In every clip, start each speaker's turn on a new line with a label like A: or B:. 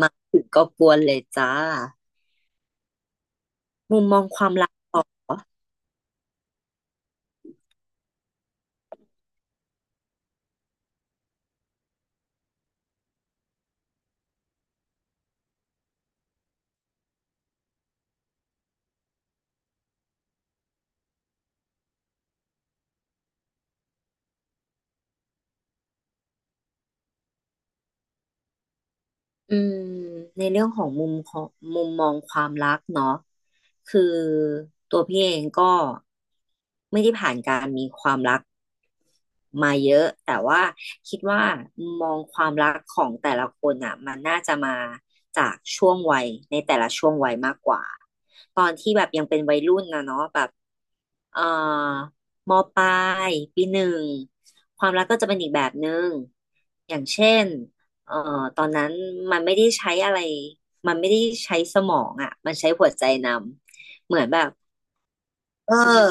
A: มาถึงก็กวนเลยจ้ามุมมองความรักต่อ อืมในเรื่องของมุมมองความรักเนาะคือตัวพี่เองก็ไม่ได้ผ่านการมีความรักมาเยอะแต่ว่าคิดว่ามุมมองความรักของแต่ละคนอ่ะมันน่าจะมาจากช่วงวัยในแต่ละช่วงวัยมากกว่าตอนที่แบบยังเป็นวัยรุ่นนะเนาะแบบเอ่อมปลายปีหนึ่งความรักก็จะเป็นอีกแบบหนึ่งอย่างเช่น เอ่อตอนนั้นมันไม่ได้ใช้อะไรมันไม่ได้ใช้สมองอ่ะมันใช้หัวใจนำเหมือนแบบเออ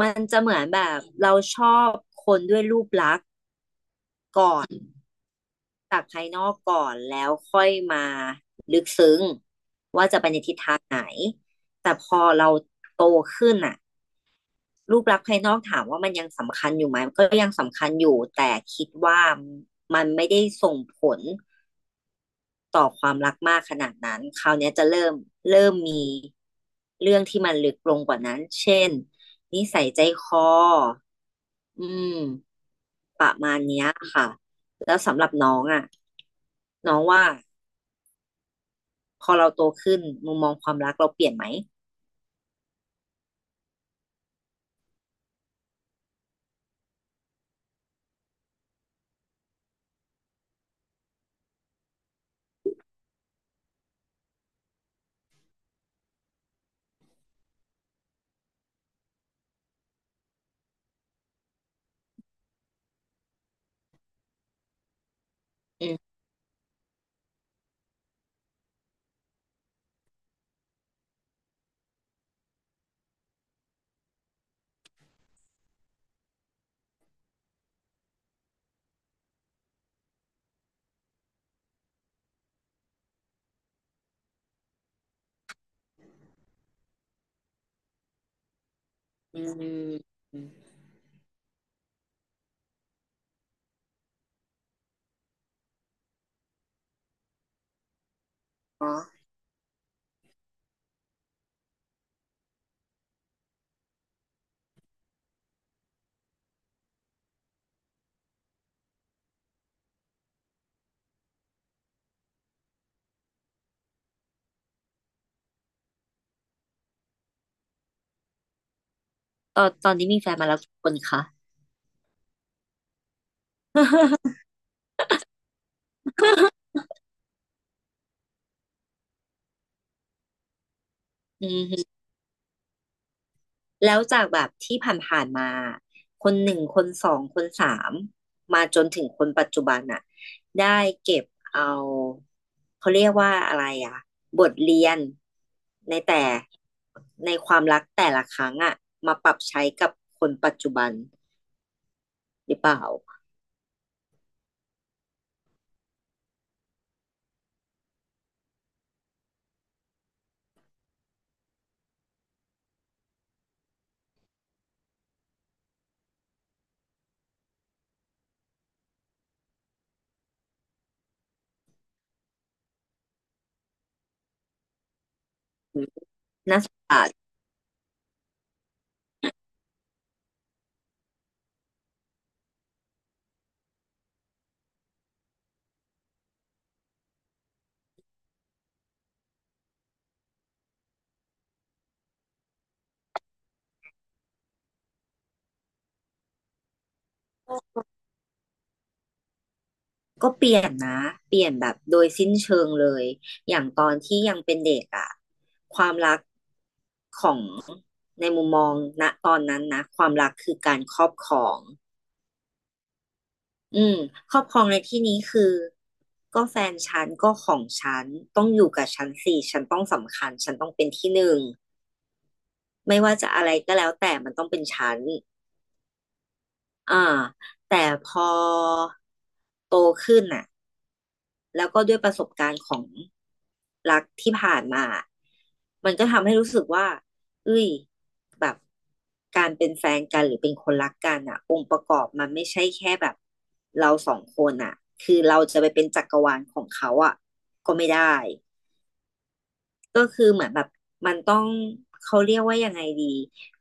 A: มันจะเหมือนแบบเราชอบคนด้วยรูปลักษณ์จากภายนอกก่อนแล้วค่อยมาลึกซึ้งว่าจะไปในทิศทางไหนแต่พอเราโตขึ้นอ่ะรูปลักษณ์ภายนอกถามว่ามันยังสำคัญอยู่ไหมมันก็ยังสำคัญอยู่แต่คิดว่ามันไม่ได้ส่งผล ต่อความรักมากขนาดนั้นคราวเนี้ยจะเริ่มมีเรื่องที่มันลึกลงกว่านั้นเช่นนิสัยใจคออืมประมาณเนี้ยค่ะแล้วสำหรับน้องอ่ะน้องว่าพอเราโตขึ้นมุมมองความรักเราเปลี่ยนไหมอืมอืมอ๋อตอนนี้มีแฟนมาแล้วกี่คนคะ อืม แล้วจากแบบที่ผ่านๆมาคนหนึ่งคนสองคนสามมาจนถึงคนปัจจุบันอ่ะได้เก็บเอาเขาเรียกว่าอะไรอ่ะบทเรียนในแต่ในความรักแต่ละครั้งอ่ะมาปรับใช้กับคนปัจจุบันหรือเปล่าอ่า ก็เปลี่ยนนะเปลี่ยนแบบโดยสิ้นเชิงเลยอย่างตอนที่ยังเป็นเด็กอะความรักของในมุมมองณตอนนั้นนะความรักคือการครอบครองอืมครอบครองในที่นี้คือก็แฟนฉันก็ของฉันต้องอยู่กับฉันสิฉันต้องสำคัญฉันต้องเป็นที่หนึ่งไม่ว่าจะอะไรก็แล้วแต่มันต้องเป็นฉันอ่าแต่พอโตขึ้นอ่ะ แล้วก็ด้วยประสบการณ์ของรักที่ผ่านมา มันก็ทำให้รู้สึกว่าเอ้ยแบบการเป็นแฟนกันหรือเป็นคนรักกันอ่ะองค์ประกอบมันไม่ใช่แค่แบบเราสองคนอ่ะคือเราจะไปเป็นจักรวาลของเขาอ่ะก็ไม่ได้ ก็คือเหมือนแบบมันต้องเขาเรียกว่ายังไงดี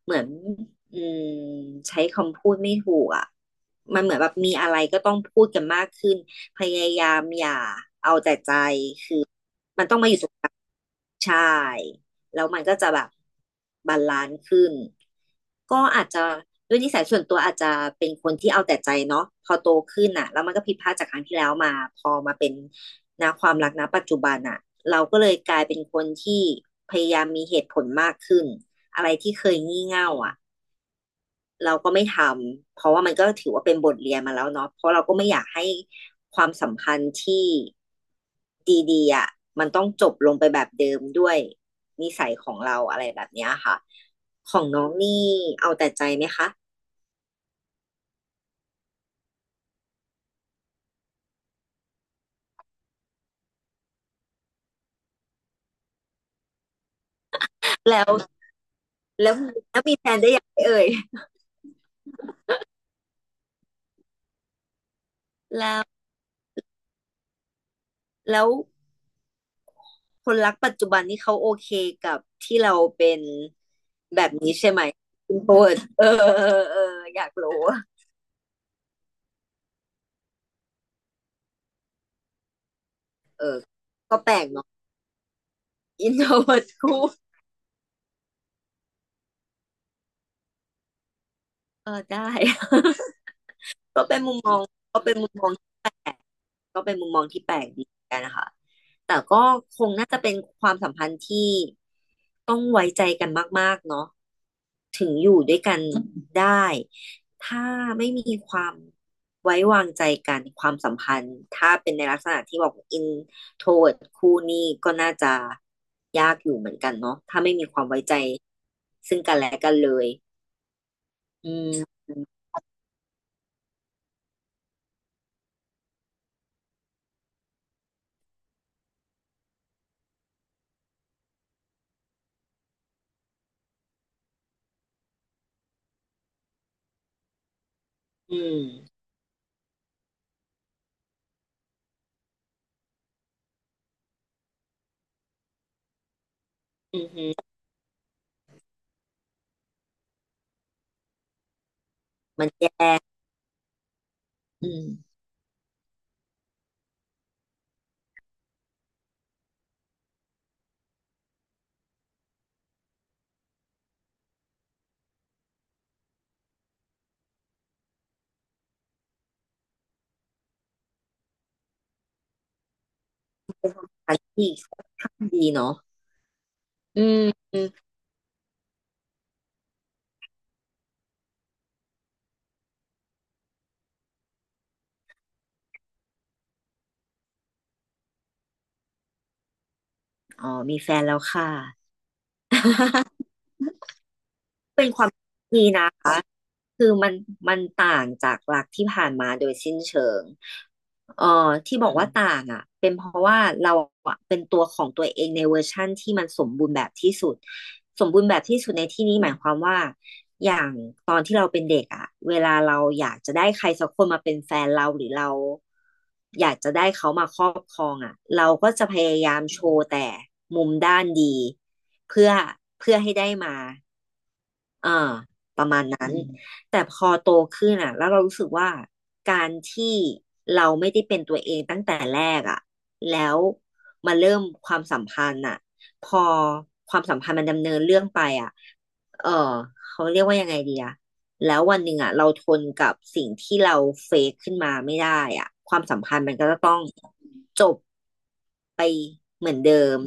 A: เหมือนอืมใช้คำพูดไม่ถูกอ่ะมันเหมือนแบบมีอะไรก็ต้องพูดกันมากขึ้นพยายามอย่า ใช่แล้วมันก็จะแบบบาลานซ์ขึ้นก็อาจจะด้วยนิสัยส่วนตัวอาจจะเป็นคนที่เอาแต่ใจเนาะพอโตขึ้นอ่ะแล้วมันก็ผิดพลาดจากครั้งที่แล้วมาพอมาเป็นนะความรักนะปัจจุบันอ่ะเราก็เลยกลายเป็นคนที่พยายามมีเหตุผลมากขึ้นอะไรที่เคยงี่เง่าอ่ะ เราก็ไม่ทำเพราะว่ามันก็ถือว่าเป็นบทเรียนมาแล้วเนาะเพราะเราก็ไม่อยากให้ความสัมพันธ์ที่ดีๆอ่ะมันต้องจบลงไปแบบเดิมด้วยนิสัยของเราอะไรแบบเนี้ยค่ะของน้องนี่เอาแต่ใจไหมคะแล้วแล้วแล้วมีแฟนได้ยังไงเอ่ยแล้วแล้วคนรักปัจจุบันนี่เขาโอเคกับที่เราเป็นแบบนี้ใช่ไหมอินโทรเวิเออเออเอออยากรู้ ก็แปลกเนาะอินโทรเคู่ เออได้ ก็เป็นมุมมองก็เป็นมุมมองที่แปลกก็เป็นมุมมองที่แปลกดีเหมือนกันนะคะแต่ก็คงน่าจะเป็นความสัมพันธ์ที่ต้องไว้ใจกันมากๆเนาะถึงอยู่ด้วยกันได้ถ้าไม่มีความไว้วางใจกันความสัมพันธ์ถ้าเป็นในลักษณะที่บอก introvert คู่นี้ก็น่าจะยากอยู่เหมือนกันเนาะถ้าไม่มีความไว้ใจซึ่งกันและกันเลยอืมอืม อือหือมันเจ็บอืมอันที่ดีเนาะอืมอ๋อ มีแฟนแล้วค่ะ เป็นความดีนะคะ คือมันมันต่างจากหลักที่ผ่านมาโดยสิ้นเชิงเอ่อที่บอกว่าต่างอ่ะเป็นเพราะว่าเราอะเป็นตัวของตัวเองในเวอร์ชั่นที่มันสมบูรณ์แบบที่สุดสมบูรณ์แบบที่สุดในที่นี้หมายความว่าอย่างตอนที่เราเป็นเด็กอ่ะเวลาเราอยากจะได้ใครสักคนมาเป็นแฟนเราหรือเราอยากจะได้เขามาครอบครองอ่ะเราก็จะพยายามโชว์แต่มุมด้านดีเพื่อเพื่อให้ได้มา อ่าประมาณนั้นอืนมแต่พอโตขึ้นอ่ะแล้วเรารู้สึกว่าการที่เราไม่ได้เป็นตัวเองตั้งแต่แรกอ่ะแล้วมาเริ่มความสัมพันธ์อ่ะพอความสัมพันธ์มันดำเนินเรื่องไปอ่ะเออเขาเรียกว่ายังไงดีอ่ะแล้ววันหนึ่งอ่ะเราทนกับสิ่งที่เราเฟกขึ้นมาไม่ได้อ่ะความสัมพันธ์มันก็จะต้องจบ เหมือนเดิม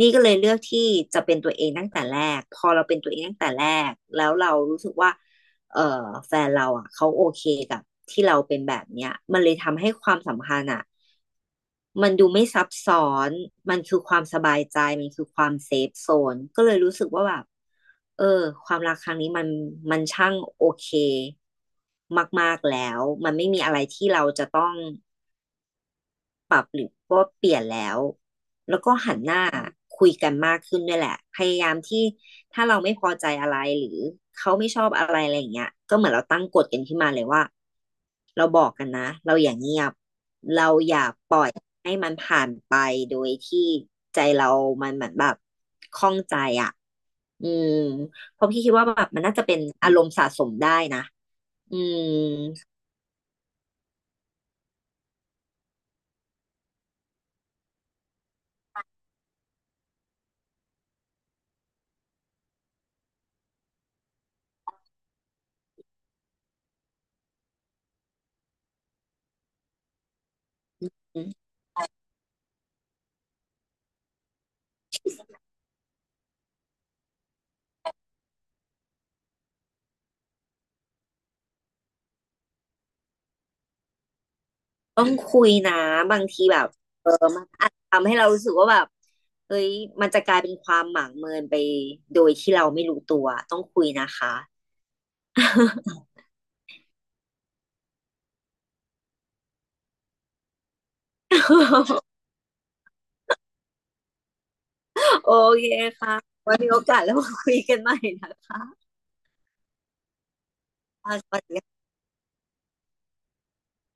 A: นี่ก็เลยเลือกที่จะเป็นตัวเองตั้งแต่แรก พอเราเป็นตัวเองตั้งแต่แรกแล้วเรารู้สึกว่าเออแฟนเราอ่ะเขาโอเคกับที่เราเป็นแบบเนี้ยมันเลยทำให้ความสัมพันธ์อ่ะมันดูไม่ซับซ้อนมันคือความสบายใจมันคือความเซฟโซนก็เลยรู้สึกว่าแบบเออความรักครั้งนี้มันมันช่างโอเคมากๆแล้วมันไม่มีอะไรที่เราจะต้อง ปรับหรือว่าเปลี่ยนแล้วแล้วก็หันหน้าคุยกันมากขึ้นด้วยแหละพยายามที่ถ้าเราไม่พอใจอะไรหรือเขาไม่ชอบอะไรอะไรอย่างเงี้ยก็เหมือนเราตั้งกฎกันขึ้นมาเลยว่าเราบอกกันนะเราอย่าเงียบเราอย่าปล่อยให้มันผ่านไปโดยที่ใจเรามันเหมือนแบบข้องใจอ่ะอืมเพราะพี่คิดว่าแบบมันน่าจะเป็นอารมณ์นะอืม ต้องคุยนะบางทีแบบเออมันอาจจะทำให้เรารู้สึกว่าแบบเฮ้ยมันจะกลายเป็นความหมางเมินไปโดยที่เราไม่รู้ตัวต้องคุยนะคะ โอเคค่ะไว้มีโอกาสแล้วมาคุยกันใหม่นะคะ